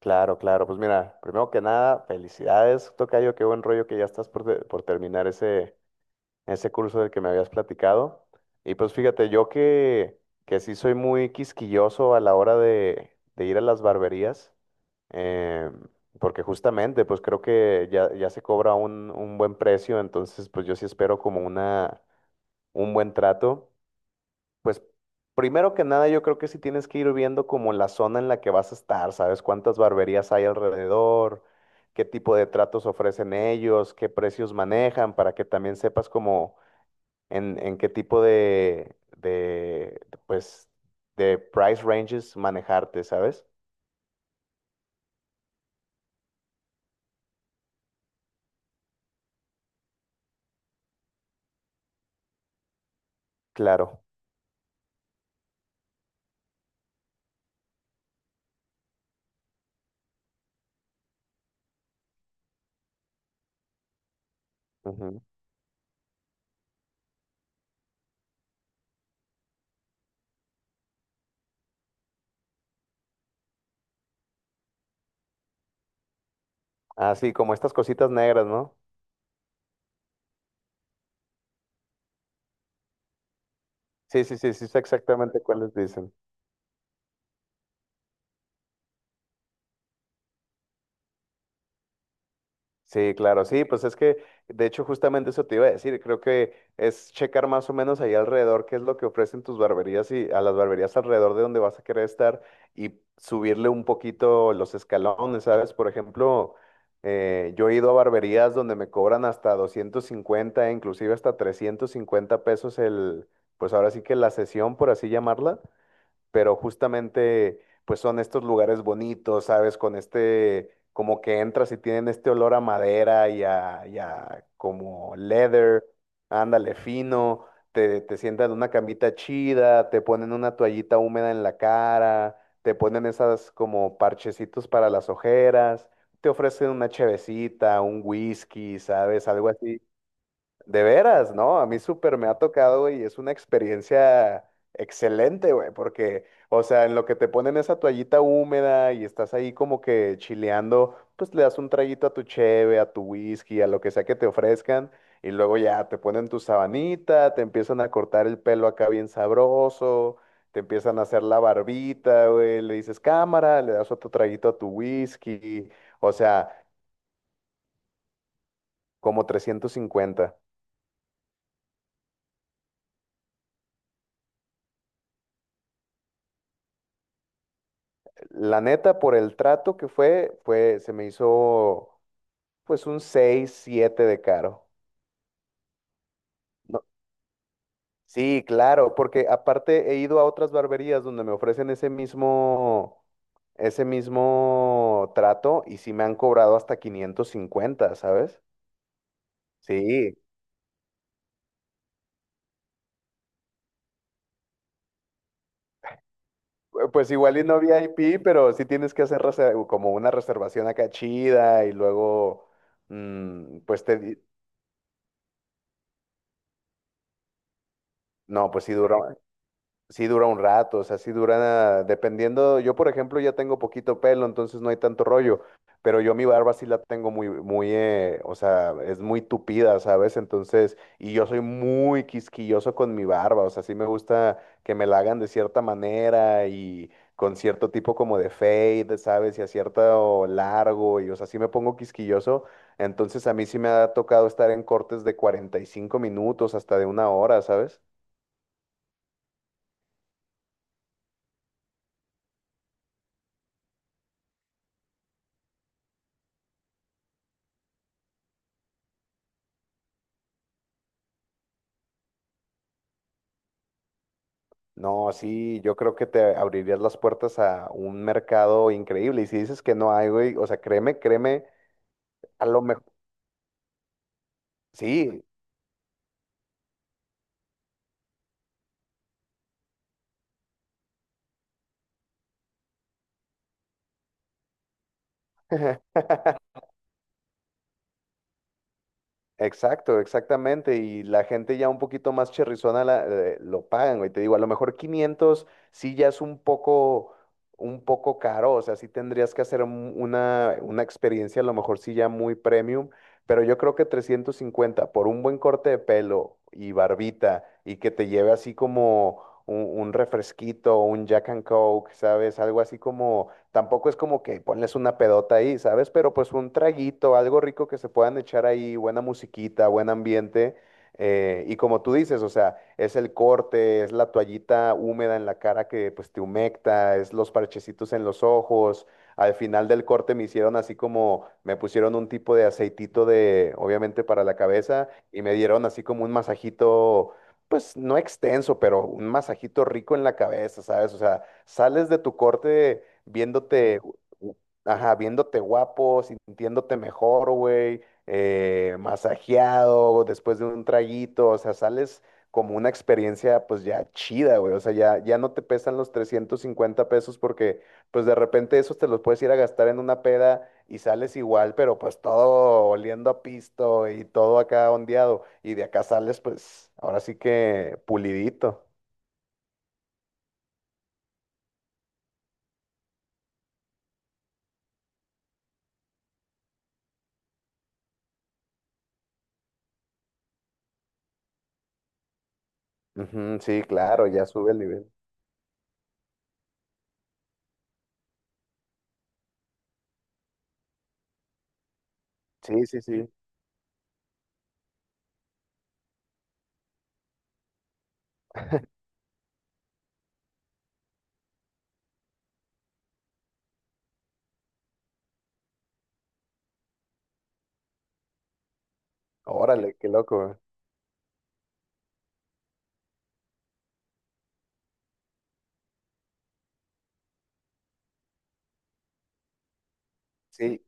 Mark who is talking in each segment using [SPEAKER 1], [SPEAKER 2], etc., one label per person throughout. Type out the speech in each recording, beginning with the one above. [SPEAKER 1] Claro, claro. Pues mira, primero que nada, felicidades, tocayo, qué buen rollo que ya estás por terminar ese curso del que me habías platicado. Y pues fíjate, que sí soy muy quisquilloso a la hora de ir a las barberías, eh, porque justamente pues creo que ya se cobra un buen precio, entonces pues yo sí espero como un buen trato. Pues primero que nada, yo creo que sí tienes que ir viendo como la zona en la que vas a estar, ¿sabes? Cuántas barberías hay alrededor, qué tipo de tratos ofrecen ellos, qué precios manejan, para que también sepas como en qué tipo pues, de price ranges manejarte, ¿sabes? Claro. Ujú. Así como estas cositas negras, ¿no? Sí, sí, sí, sí, sé exactamente cuáles dicen. Sí, claro, sí, de hecho, justamente eso te iba a decir, creo que es checar más o menos ahí alrededor qué es lo que ofrecen tus barberías y a las barberías alrededor de donde vas a querer estar y subirle un poquito los escalones, ¿sabes? Por ejemplo, yo he ido a barberías donde me cobran hasta 250, inclusive hasta 350 pesos el, pues ahora sí que la sesión, por así llamarla, pero justamente pues son estos lugares bonitos, ¿sabes? Con este, como que entras y tienen este olor a madera y a como leather, ándale fino, te sientan en una camita chida, te ponen una toallita húmeda en la cara, te ponen esas como parchecitos para las ojeras, te ofrecen una chevecita, un whisky, ¿sabes? Algo así de veras, ¿no? A mí súper me ha tocado, güey, y es una experiencia excelente, güey, porque, o sea, en lo que te ponen esa toallita húmeda y estás ahí como que chileando, pues le das un traguito a tu cheve, a tu whisky, a lo que sea que te ofrezcan, y luego ya te ponen tu sabanita, te empiezan a cortar el pelo acá bien sabroso, te empiezan a hacer la barbita, güey, le dices cámara, le das otro traguito a tu whisky, o sea, como 350. La neta, por el trato fue, se me hizo pues un 6 7 de caro. No, sí, claro, porque aparte he ido a otras barberías donde me ofrecen ese mismo trato y sí me han cobrado hasta 550, ¿sabes? Sí, pues igual y no VIP, pero sí tienes que hacer como una reservación acá chida y luego, pues no, pues sí duró. Sí dura un rato, o sea, sí dura, dependiendo, yo por ejemplo ya tengo poquito pelo, entonces no hay tanto rollo, pero yo mi barba sí la tengo muy, muy, o sea, es muy tupida, ¿sabes? Entonces, y yo soy muy quisquilloso con mi barba, o sea, sí me gusta que me la hagan de cierta manera y con cierto tipo como de fade, ¿sabes? Y a cierto largo, y o sea, sí me pongo quisquilloso, entonces a mí sí me ha tocado estar en cortes de 45 minutos hasta de una hora, ¿sabes? No, sí, yo creo que te abrirías las puertas a un mercado increíble. Y si dices que no hay, güey, o sea, créeme, a lo mejor, sí, exacto, exactamente. Y la gente ya un poquito más cherrizona lo pagan, güey. Te digo, a lo mejor 500 sí ya es un poco caro. O sea, sí tendrías que hacer una experiencia, a lo mejor sí ya muy premium. Pero yo creo que 350 por un buen corte de pelo y barbita y que te lleve así como un refresquito, un Jack and Coke, ¿sabes? Algo así como tampoco es como que ponles una pedota ahí, ¿sabes? Pero pues un traguito, algo rico que se puedan echar ahí, buena musiquita, buen ambiente. Y como tú dices, o sea, es el corte, es la toallita húmeda en la cara que pues te humecta, es los parchecitos en los ojos. Al final del corte me hicieron así como, me pusieron un tipo de aceitito de, obviamente para la cabeza, y me dieron así como un masajito, pues no extenso, pero un masajito rico en la cabeza, ¿sabes? O sea, sales de tu corte viéndote, u- ajá, viéndote guapo, sintiéndote mejor, güey, masajeado después de un traguito, o sea, sales como una experiencia pues ya chida, güey, o sea, ya no te pesan los 350 pesos porque pues de repente esos te los puedes ir a gastar en una peda y sales igual, pero pues todo oliendo a pisto y todo acá ondeado y de acá sales pues ahora sí que pulidito. Ujú, sí, claro, ya sube el nivel. Sí, sí, sí. Órale, qué loco. Sí,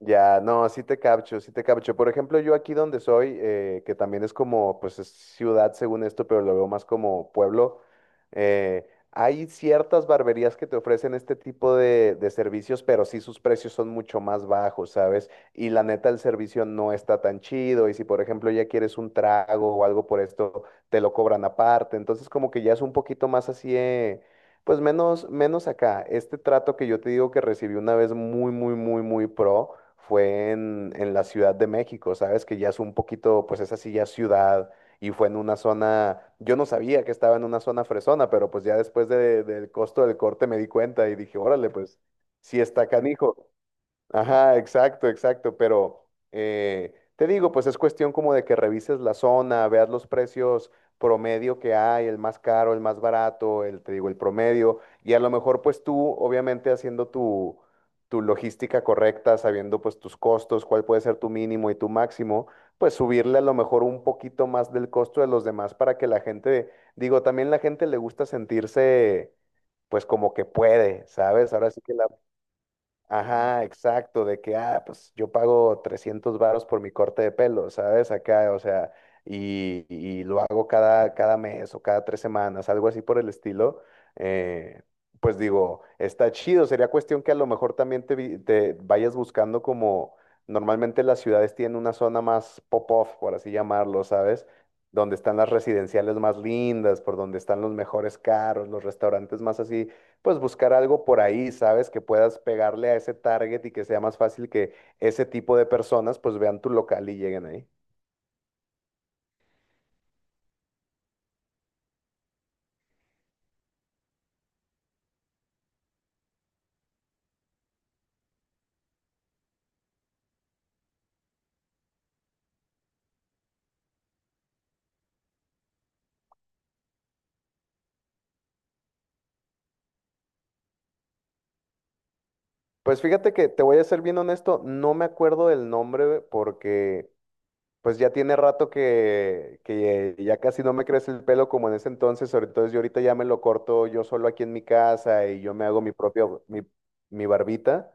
[SPEAKER 1] ya, no, sí te capcho, sí te capcho. Por ejemplo, yo aquí donde soy, que también es como, pues es ciudad según esto, pero lo veo más como pueblo, hay ciertas barberías que te ofrecen este tipo de servicios, pero sí sus precios son mucho más bajos, ¿sabes? Y la neta, el servicio no está tan chido. Y si, por ejemplo, ya quieres un trago o algo por esto, te lo cobran aparte. Entonces, como que ya es un poquito más así, pues menos, menos acá. Este trato que yo te digo que recibí una vez muy, muy, muy, muy pro fue en la Ciudad de México, ¿sabes? Que ya es un poquito, pues es así ya es ciudad y fue en una zona, yo no sabía que estaba en una zona fresona, pero pues ya del costo del corte me di cuenta y dije, órale, pues sí está canijo. Ajá, exacto, exacto, pero te digo, pues es cuestión como de que revises la zona, veas los precios promedio que hay, el más caro, el más barato, el, te digo, el promedio, y a lo mejor pues tú, obviamente haciendo tu logística correcta, sabiendo pues tus costos, cuál puede ser tu mínimo y tu máximo, pues subirle a lo mejor un poquito más del costo de los demás para que la gente, digo, también la gente le gusta sentirse pues como que puede, ¿sabes? Ahora sí que ajá, exacto, de que, ah, pues yo pago 300 varos por mi corte de pelo, ¿sabes? Acá, o sea, y lo hago cada mes o cada 3 semanas, algo así por el estilo. eh, pues digo, está chido, sería cuestión que a lo mejor también te vayas buscando como, normalmente las ciudades tienen una zona más pop-off, por así llamarlo, ¿sabes? Donde están las residenciales más lindas, por donde están los mejores carros, los restaurantes más así pues buscar algo por ahí, ¿sabes? Que puedas pegarle a ese target y que sea más fácil que ese tipo de personas pues vean tu local y lleguen ahí. Pues fíjate que te voy a ser bien honesto, no me acuerdo del nombre porque pues ya tiene rato que ya casi no me crece el pelo como en ese entonces, sobre todo yo ahorita ya me lo corto yo solo aquí en mi casa y yo me hago mi propio, mi barbita.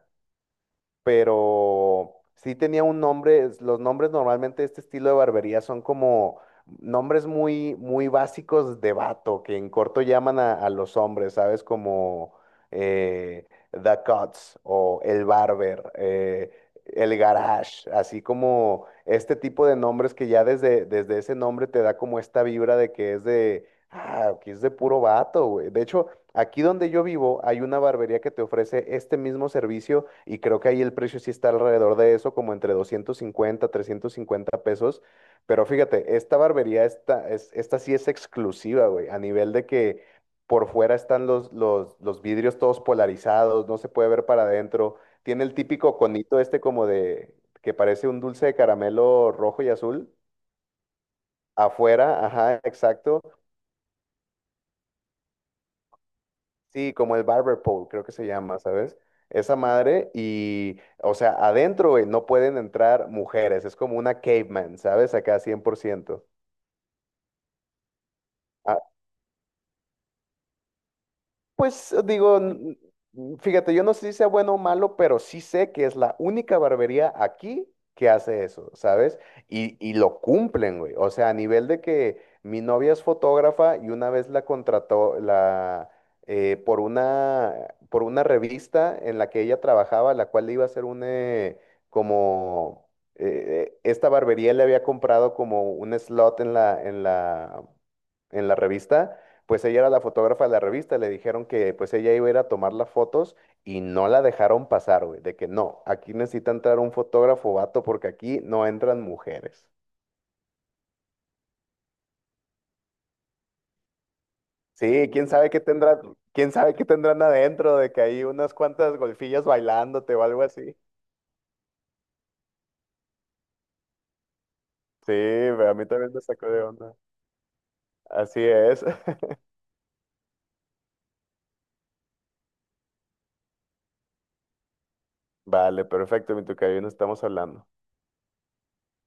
[SPEAKER 1] Pero sí tenía un nombre, los nombres normalmente de este estilo de barbería son como nombres muy, muy básicos de vato, que en corto llaman a los hombres, ¿sabes? Como eh, The Cuts o El Barber, El Garage, así como este tipo de nombres que ya desde ese nombre te da como esta vibra de que es de... Ah, que es de puro vato, güey. De hecho, aquí donde yo vivo hay una barbería que te ofrece este mismo servicio y creo que ahí el precio sí está alrededor de eso, como entre 250 350 pesos. Pero fíjate, esta barbería, esta sí es exclusiva, güey, a nivel de que por fuera están los vidrios todos polarizados, no se puede ver para adentro. Tiene el típico conito este como de, que parece un dulce de caramelo rojo y azul. Afuera, ajá, exacto. Sí, como el barber pole, creo que se llama, ¿sabes? Esa madre y, o sea, adentro, güey, no pueden entrar mujeres, es como una caveman, ¿sabes? Acá 100%. Pues digo, fíjate, yo no sé si sea bueno o malo, pero sí sé que es la única barbería aquí que hace eso, ¿sabes? Y lo cumplen, güey. O sea, a nivel de que mi novia es fotógrafa y una vez la contrató por por una revista en la que ella trabajaba, la cual le iba a hacer como, esta barbería le había comprado como un slot en la revista, pues ella era la fotógrafa de la revista, le dijeron que pues ella iba a ir a tomar las fotos y no la dejaron pasar, güey, de que no, aquí necesita entrar un fotógrafo vato porque aquí no entran mujeres. Sí, quién sabe qué tendrán, quién sabe qué tendrán adentro, de que hay unas cuantas golfillas bailándote o algo así. Sí, pero a mí también me sacó de onda. Así es. Vale, perfecto, mi tocayo, nos estamos hablando.